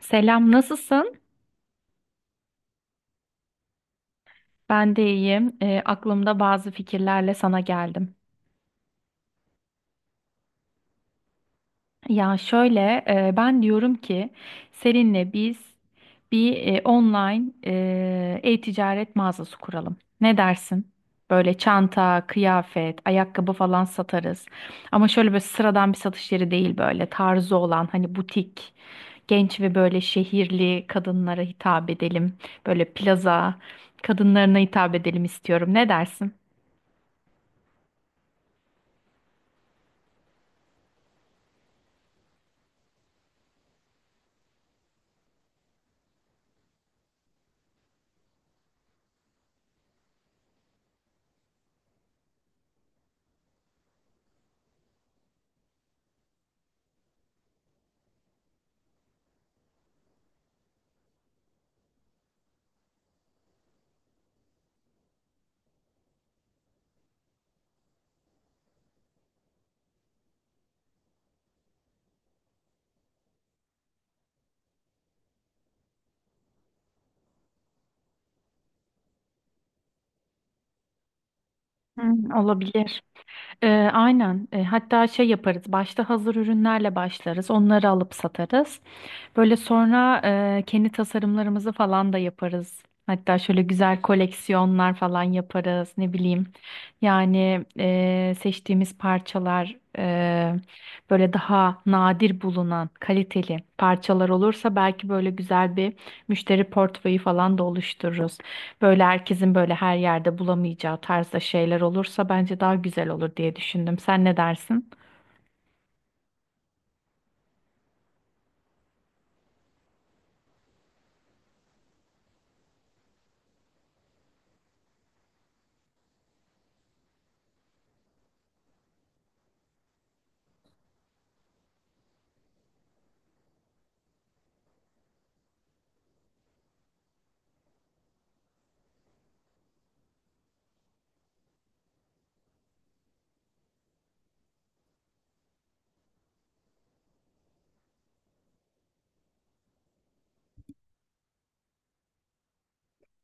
Selam, nasılsın? Ben de iyiyim. Aklımda bazı fikirlerle sana geldim. Ya şöyle, ben diyorum ki seninle biz bir online e-ticaret mağazası kuralım. Ne dersin? Böyle çanta, kıyafet, ayakkabı falan satarız. Ama şöyle böyle sıradan bir satış yeri değil, böyle tarzı olan hani butik, genç ve böyle şehirli kadınlara hitap edelim. Böyle plaza kadınlarına hitap edelim istiyorum. Ne dersin? Hı, olabilir. Ee, aynen. Hatta şey yaparız. Başta hazır ürünlerle başlarız. Onları alıp satarız. Böyle sonra kendi tasarımlarımızı falan da yaparız. Hatta şöyle güzel koleksiyonlar falan yaparız. Ne bileyim. Yani seçtiğimiz parçalar, böyle daha nadir bulunan kaliteli parçalar olursa belki böyle güzel bir müşteri portföyü falan da oluştururuz. Böyle herkesin böyle her yerde bulamayacağı tarzda şeyler olursa bence daha güzel olur diye düşündüm. Sen ne dersin?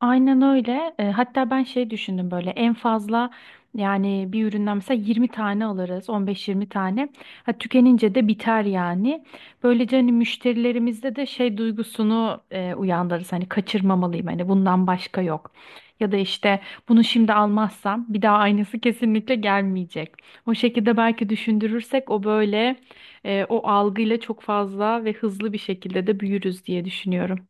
Aynen öyle. Hatta ben şey düşündüm, böyle en fazla, yani bir üründen mesela 20 tane alırız, 15-20 tane. Ha, tükenince de biter yani. Böylece hani müşterilerimizde de şey duygusunu uyandırırız. Hani kaçırmamalıyım, hani bundan başka yok. Ya da işte bunu şimdi almazsam bir daha aynısı kesinlikle gelmeyecek. O şekilde belki düşündürürsek, o böyle, o algıyla çok fazla ve hızlı bir şekilde de büyürüz diye düşünüyorum.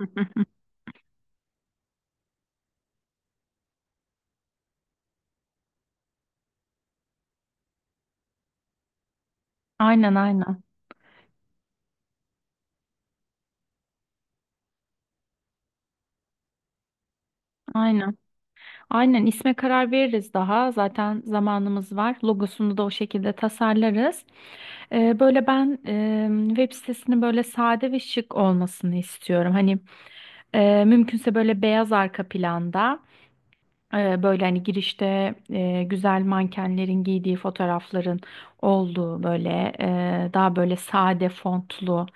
Aynen, aynen. Aynen. Aynen, isme karar veririz daha. Zaten zamanımız var. Logosunu da o şekilde tasarlarız. Böyle ben web sitesinin böyle sade ve şık olmasını istiyorum. Hani mümkünse böyle beyaz arka planda. Böyle hani girişte güzel mankenlerin giydiği fotoğrafların olduğu, böyle daha böyle sade fontlu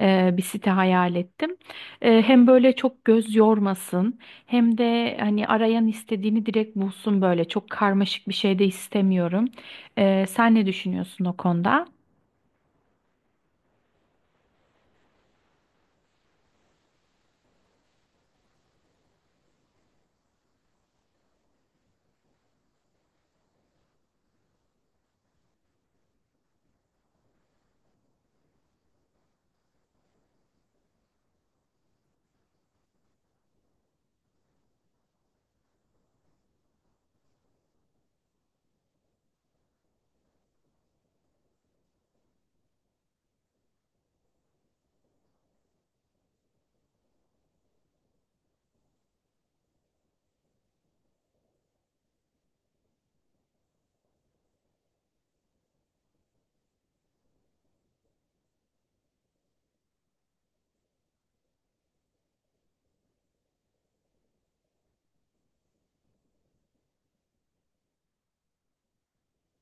bir site hayal ettim. Hem böyle çok göz yormasın hem de hani arayan istediğini direkt bulsun, böyle çok karmaşık bir şey de istemiyorum. Sen ne düşünüyorsun o konuda?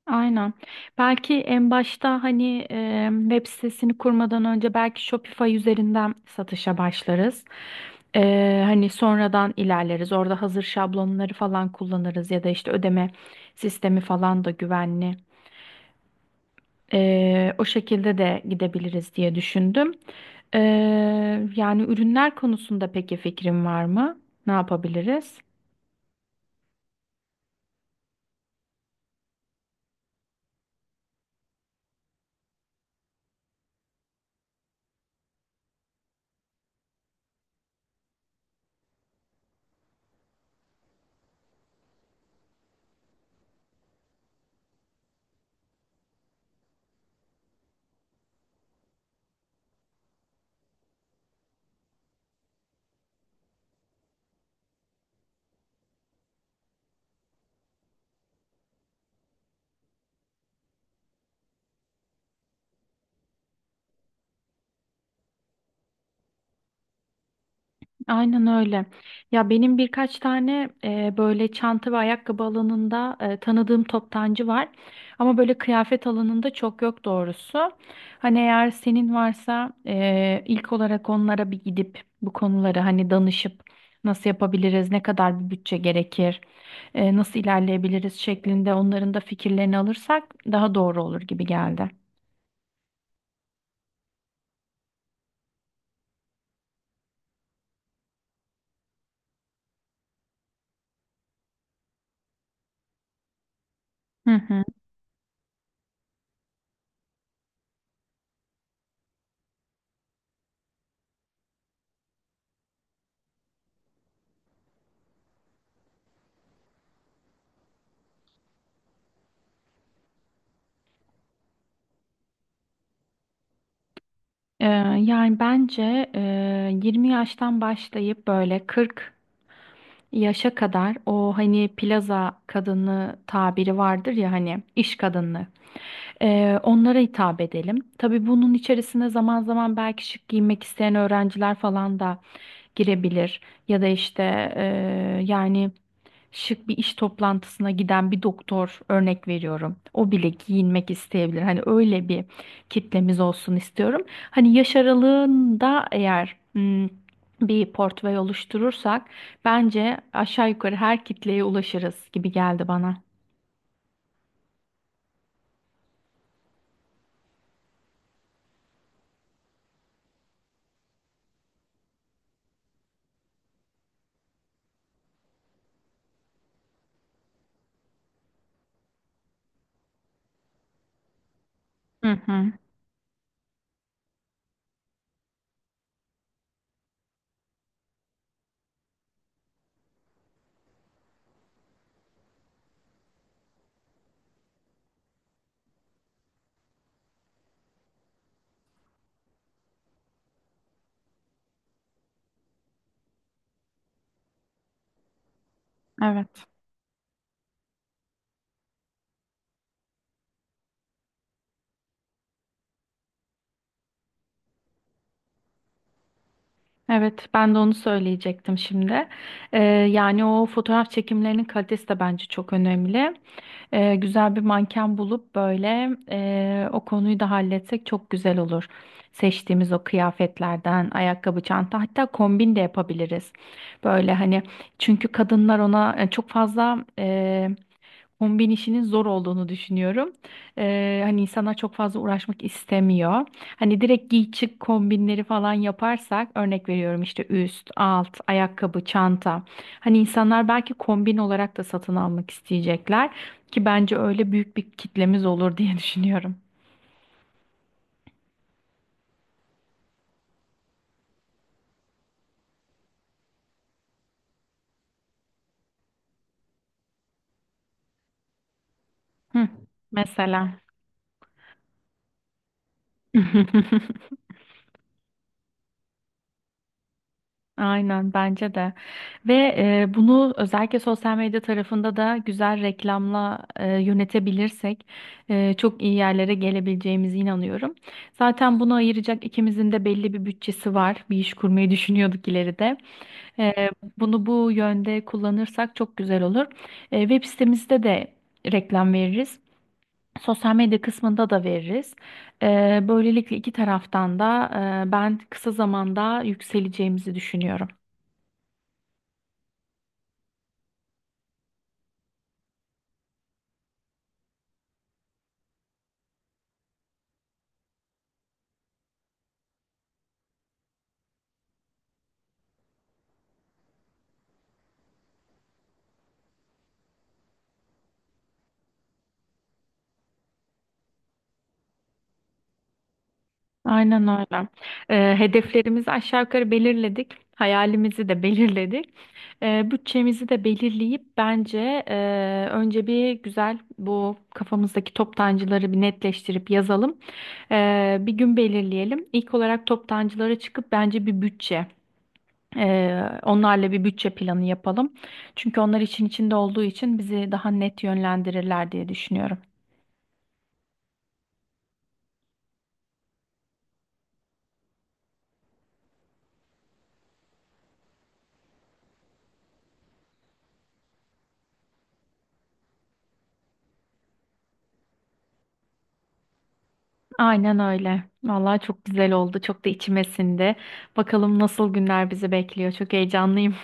Aynen. Belki en başta, hani web sitesini kurmadan önce belki Shopify üzerinden satışa başlarız. Hani sonradan ilerleriz. Orada hazır şablonları falan kullanırız ya da işte ödeme sistemi falan da güvenli. O şekilde de gidebiliriz diye düşündüm. E, yani ürünler konusunda peki fikrin var mı? Ne yapabiliriz? Aynen öyle. Ya benim birkaç tane böyle çanta ve ayakkabı alanında tanıdığım toptancı var. Ama böyle kıyafet alanında çok yok doğrusu. Hani eğer senin varsa ilk olarak onlara bir gidip bu konuları hani danışıp nasıl yapabiliriz, ne kadar bir bütçe gerekir, nasıl ilerleyebiliriz şeklinde, onların da fikirlerini alırsak daha doğru olur gibi geldi. Hı hı. Ee, yani bence, 20 yaştan başlayıp böyle 40 yaşa kadar, o hani plaza kadını tabiri vardır ya, hani iş kadını. Onlara hitap edelim. Tabii bunun içerisine zaman zaman belki şık giymek isteyen öğrenciler falan da girebilir. Ya da işte yani şık bir iş toplantısına giden bir doktor, örnek veriyorum. O bile giyinmek isteyebilir. Hani öyle bir kitlemiz olsun istiyorum. Hani yaş aralığında, eğer bir portföy oluşturursak bence aşağı yukarı her kitleye ulaşırız gibi geldi bana. Hı hı, evet. Evet, ben de onu söyleyecektim şimdi. Ee, yani o fotoğraf çekimlerinin kalitesi de bence çok önemli. Güzel bir manken bulup böyle, o konuyu da halletsek çok güzel olur. Seçtiğimiz o kıyafetlerden, ayakkabı, çanta, hatta kombin de yapabiliriz. Böyle hani çünkü kadınlar ona çok fazla, kombin işinin zor olduğunu düşünüyorum. Hani insanlar çok fazla uğraşmak istemiyor. Hani direkt giy çık kombinleri falan yaparsak, örnek veriyorum, işte üst, alt, ayakkabı, çanta. Hani insanlar belki kombin olarak da satın almak isteyecekler, ki bence öyle büyük bir kitlemiz olur diye düşünüyorum. Hı, mesela. Aynen, bence de. Ve bunu özellikle sosyal medya tarafında da güzel reklamla yönetebilirsek, çok iyi yerlere gelebileceğimize inanıyorum. Zaten bunu ayıracak ikimizin de belli bir bütçesi var. Bir iş kurmayı düşünüyorduk ileride. E, bunu bu yönde kullanırsak çok güzel olur. Web sitemizde de reklam veririz. Sosyal medya kısmında da veririz. Böylelikle iki taraftan da, ben kısa zamanda yükseleceğimizi düşünüyorum. Aynen öyle. Hedeflerimizi aşağı yukarı belirledik. Hayalimizi de belirledik. Bütçemizi de belirleyip bence, e, önce bir güzel bu kafamızdaki toptancıları bir netleştirip yazalım. Bir gün belirleyelim. İlk olarak toptancılara çıkıp bence bir bütçe, onlarla bir bütçe planı yapalım. Çünkü onlar için içinde olduğu için bizi daha net yönlendirirler diye düşünüyorum. Aynen öyle. Vallahi çok güzel oldu. Çok da içime sindi. Bakalım nasıl günler bizi bekliyor. Çok heyecanlıyım.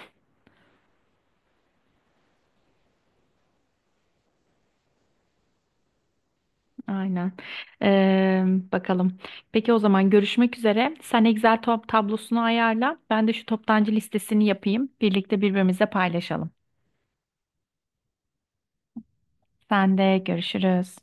Aynen. Ee, bakalım. Peki o zaman, görüşmek üzere. Sen Excel top tablosunu ayarla. Ben de şu toptancı listesini yapayım. Birlikte birbirimize paylaşalım. Sen de görüşürüz.